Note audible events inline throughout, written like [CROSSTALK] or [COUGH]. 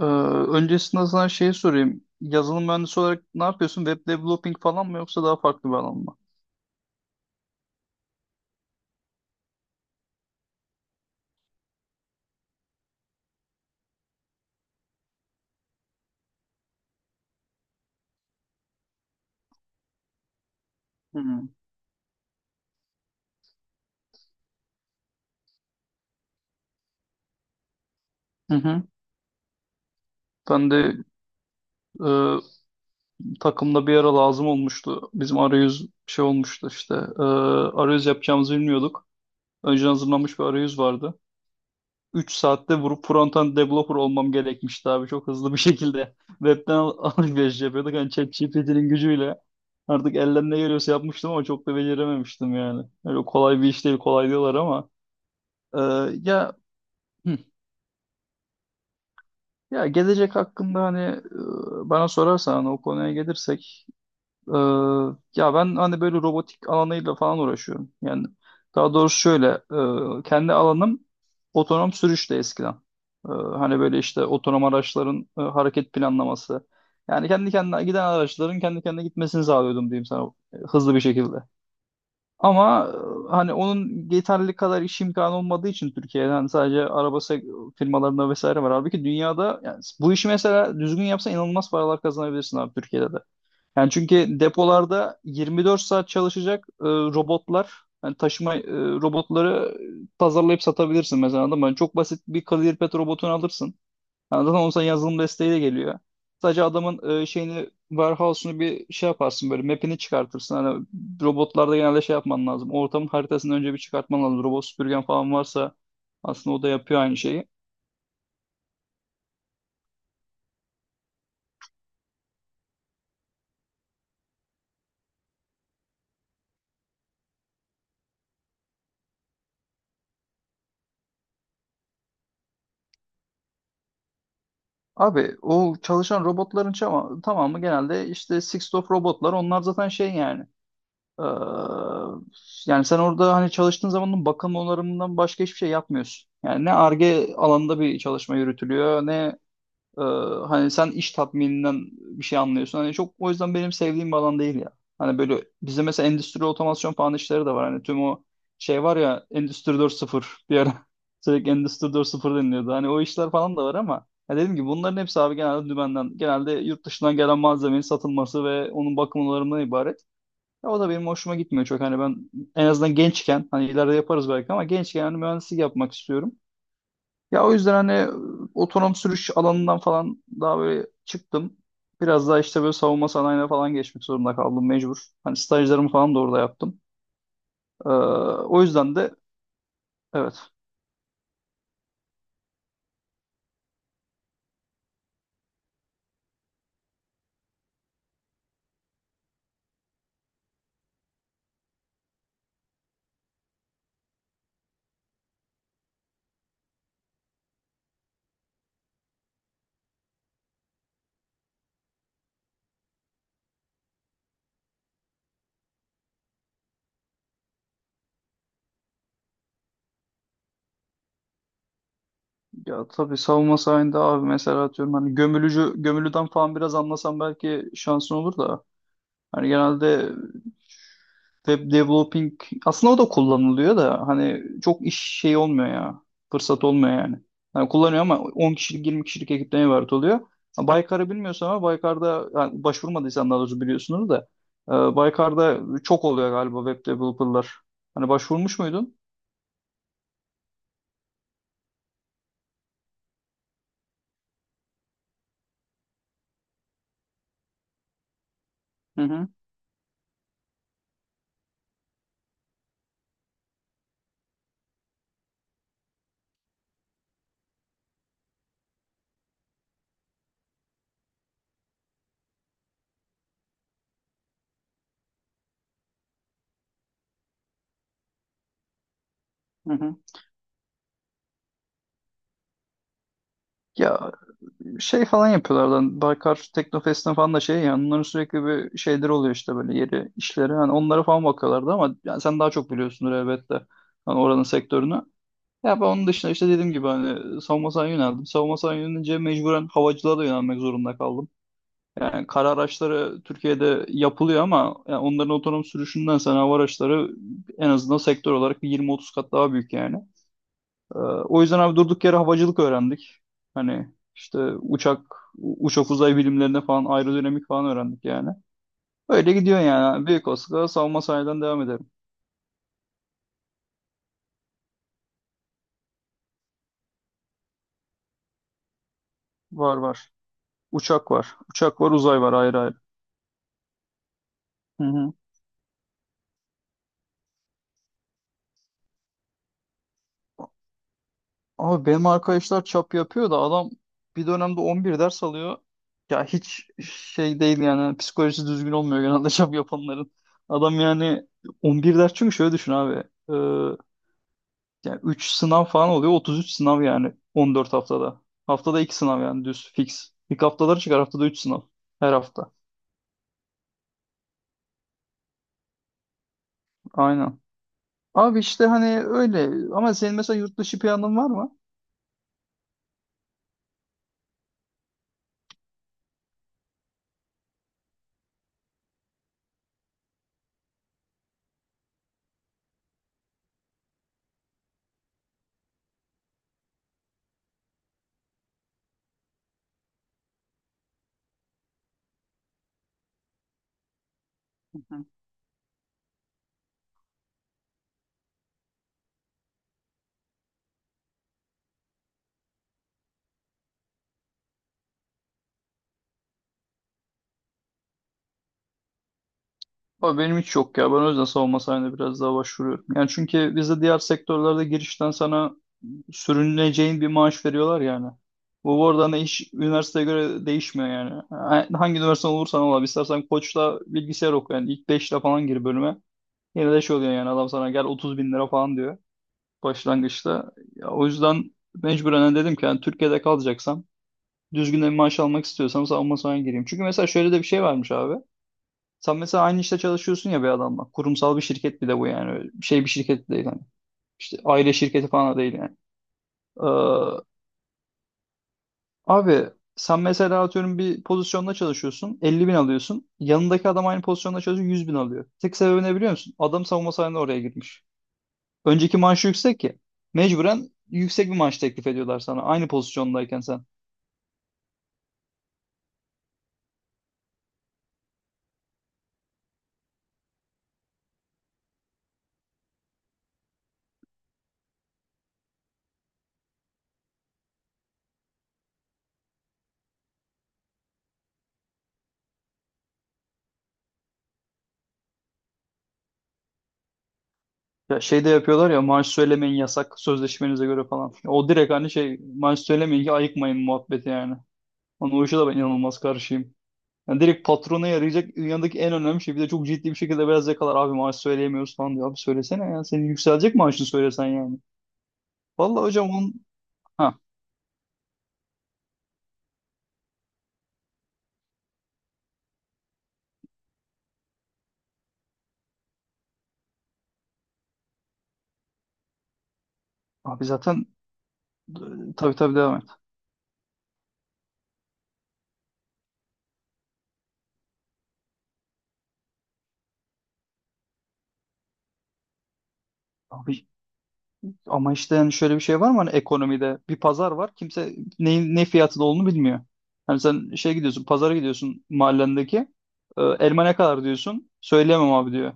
Ee, öncesinde sana şeyi sorayım. Yazılım mühendisi olarak ne yapıyorsun? Web developing falan mı yoksa daha farklı bir alan mı? Hmm. Hı hı. Ben de e, takımda bir ara lazım olmuştu. Bizim arayüz şey olmuştu işte. Arayüz yapacağımızı bilmiyorduk. Önceden hazırlanmış bir arayüz vardı. 3 saatte vurup frontend developer olmam gerekmişti abi. Çok hızlı bir şekilde. [LAUGHS] Alışveriş yapıyorduk. Hani ChatGPT'nin gücüyle. Artık elden ne geliyorsa yapmıştım ama çok da becerememiştim yani. Öyle kolay bir iş değil, kolay diyorlar ama. Ee, ya hı, ya gelecek hakkında hani bana sorarsan hani o konuya gelirsek, e, ya ben hani böyle robotik alanıyla falan uğraşıyorum. Yani daha doğrusu şöyle, kendi alanım otonom sürüşte eskiden. Hani böyle işte otonom araçların hareket planlaması. Yani kendi kendine giden araçların kendi kendine gitmesini sağlıyordum diyeyim sana, hızlı bir şekilde. Ama hani onun yeterli kadar iş imkanı olmadığı için Türkiye'den sadece firmalarında vesaire var. Halbuki dünyada yani bu işi mesela düzgün yapsan inanılmaz paralar kazanabilirsin abi, Türkiye'de de. Yani çünkü depolarda 24 saat çalışacak robotlar, yani taşıma, robotları tasarlayıp satabilirsin mesela, anladın mı? Yani çok basit bir kalorifer robotunu alırsın. Yani zaten onun sana yazılım desteği de geliyor. Sadece adamın, şeyini, warehouse'unu bir şey yaparsın, böyle map'ini çıkartırsın. Hani robotlarda genelde şey yapman lazım. Ortamın haritasını önce bir çıkartman lazım. Robot süpürgen falan varsa aslında o da yapıyor aynı şeyi. Abi o çalışan robotların tamamı genelde işte Six of robotlar. Onlar zaten şey yani. Ee, yani sen orada hani çalıştığın zamanın bakım onarımından başka hiçbir şey yapmıyorsun. Yani ne Ar-Ge alanında bir çalışma yürütülüyor ne Ee, hani sen iş tatmininden bir şey anlıyorsun. Hani çok, o yüzden benim sevdiğim bir alan değil ya. Hani böyle bizde mesela endüstri otomasyon falan işleri de var. Hani tüm o şey var ya, Endüstri 4.0, bir ara [LAUGHS] sürekli Endüstri 4.0 deniliyordu. Hani o işler falan da var ama ya, dedim ki bunların hepsi abi genelde dümenden, genelde yurt dışından gelen malzemenin satılması ve onun bakım onarımından ibaret. Ya o da benim hoşuma gitmiyor çok. Hani ben en azından gençken, hani ileride yaparız belki ama gençken hani mühendislik yapmak istiyorum. Ya o yüzden hani, otonom sürüş alanından falan daha böyle çıktım. Biraz daha işte böyle savunma sanayine falan geçmek zorunda kaldım, mecbur. Hani stajlarımı falan da orada yaptım. Ee, o yüzden de evet. Ya tabii savunma sanayinde abi, mesela atıyorum hani gömülücü gömülüden falan biraz anlasam belki şansın olur da. Hani genelde web developing, aslında o da kullanılıyor da hani çok iş şey olmuyor ya. Fırsat olmuyor yani. Hani kullanıyor ama 10 kişilik 20 kişilik ekipten ibaret oluyor. Ha, Baykar'ı bilmiyorsun ama Baykar'da, yani başvurmadıysan, daha doğrusu biliyorsunuz da, Baykar'da çok oluyor galiba web developer'lar. Hani başvurmuş muydun? Hı hı, hı hı. Ya şey falan yapıyorlar lan. Baykar Teknofest'in falan da şey yani, onların sürekli bir şeyleri oluyor işte, böyle yeri işleri. Hani onlara falan bakıyorlardı ama yani sen daha çok biliyorsundur elbette. Hani oranın sektörünü. Ya ben onun dışında işte dediğim gibi hani savunma sanayine yöneldim. Savunma sanayine yönelince mecburen havacılığa da yönelmek zorunda kaldım. Yani kara araçları Türkiye'de yapılıyor ama yani onların otonom sürüşünden sonra hava araçları en azından sektör olarak bir 20-30 kat daha büyük yani. O yüzden abi durduk yere havacılık öğrendik. Hani işte uçak, uçak uzay bilimlerine falan aerodinamik falan öğrendik yani. Öyle gidiyor yani. Büyük olasılıkla savunma sanayiden devam ederim. Var var. Uçak var. Uçak var, uzay var, ayrı ayrı. Hı hı. Abi benim arkadaşlar çap yapıyor da adam bir dönemde 11 ders alıyor. Ya hiç şey değil yani, psikolojisi düzgün olmuyor genelde çap yapanların. Adam yani 11 ders, çünkü şöyle düşün abi. Ee, Yani 3 sınav falan oluyor. 33 sınav yani 14 haftada. Haftada 2 sınav yani, düz fix. İlk haftaları çıkar, haftada 3 sınav. Her hafta. Aynen. Abi işte hani öyle, ama senin mesela yurt dışı planın var mı? Hı hı. Abi benim hiç yok ya. Ben o yüzden savunma sanayine biraz daha başvuruyorum. Yani çünkü bizde diğer sektörlerde girişten sana sürüneceğin bir maaş veriyorlar yani. Bu arada hani iş üniversiteye göre değişmiyor yani. Hangi üniversite olursan ol abi. İstersen Koç'ta bilgisayar oku yani. İlk 5'le falan gir bölüme. Yine de şey oluyor yani, adam sana gel 30 bin lira falan diyor başlangıçta. Ya, o yüzden mecburen hani dedim ki yani, Türkiye'de kalacaksam düzgün bir maaş almak istiyorsam savunma sanayine gireyim. Çünkü mesela şöyle de bir şey varmış abi. Sen mesela aynı işte çalışıyorsun ya bir adamla. Kurumsal bir şirket bir de bu yani. Öyle bir şey, bir şirket değil hani. İşte aile şirketi falan da değil yani. Ee, abi sen mesela atıyorum bir pozisyonda çalışıyorsun 50 bin alıyorsun. Yanındaki adam aynı pozisyonda çalışıyor 100 bin alıyor. Tek sebebi ne biliyor musun? Adam savunma sanayine oraya girmiş. Önceki maaşı yüksek ki, mecburen yüksek bir maaş teklif ediyorlar sana aynı pozisyondayken sen. Ya şey de yapıyorlar ya, maaş söylemeyin yasak sözleşmenize göre falan. O direkt hani şey, maaş söylemeyin ki ayıkmayın muhabbeti yani. Ona, o işe de ben inanılmaz karşıyım. Yani direkt patrona yarayacak dünyadaki en önemli şey. Bir de çok ciddi bir şekilde beyaz yakalar abi maaş söyleyemiyoruz falan diyor. Abi söylesene ya, senin yükselecek maaşını söylesen yani. Vallahi hocam on... Ha, abi zaten, tabii tabii, devam et. Abi ama işte yani şöyle bir şey var mı hani, ekonomide bir pazar var, kimse neyin ne fiyatı da olduğunu bilmiyor. Hani sen şey, gidiyorsun pazara, gidiyorsun mahallendeki, elma ne kadar diyorsun, söyleyemem abi diyor.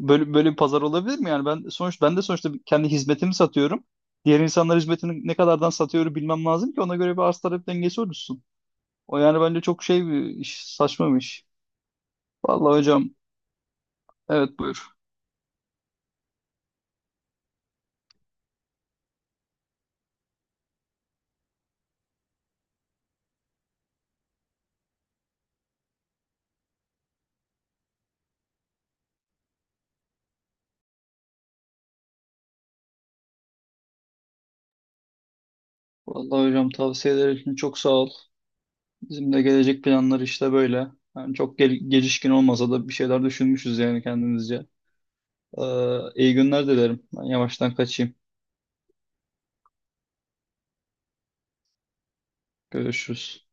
Böyle bir pazar olabilir mi yani, ben de sonuçta kendi hizmetimi satıyorum. Diğer insanlar hizmetini ne kadardan satıyor bilmem lazım ki ona göre bir arz talep dengesi oluşsun. O yani bence çok şey bir iş, saçma bir iş. Vallahi hocam, evet buyur. Vallahi hocam, tavsiyeler için çok sağ ol. Bizim de gelecek planları işte böyle. Yani çok gelişkin olmasa da bir şeyler düşünmüşüz yani kendimizce. Ee, iyi günler dilerim. Ben yavaştan kaçayım. Görüşürüz.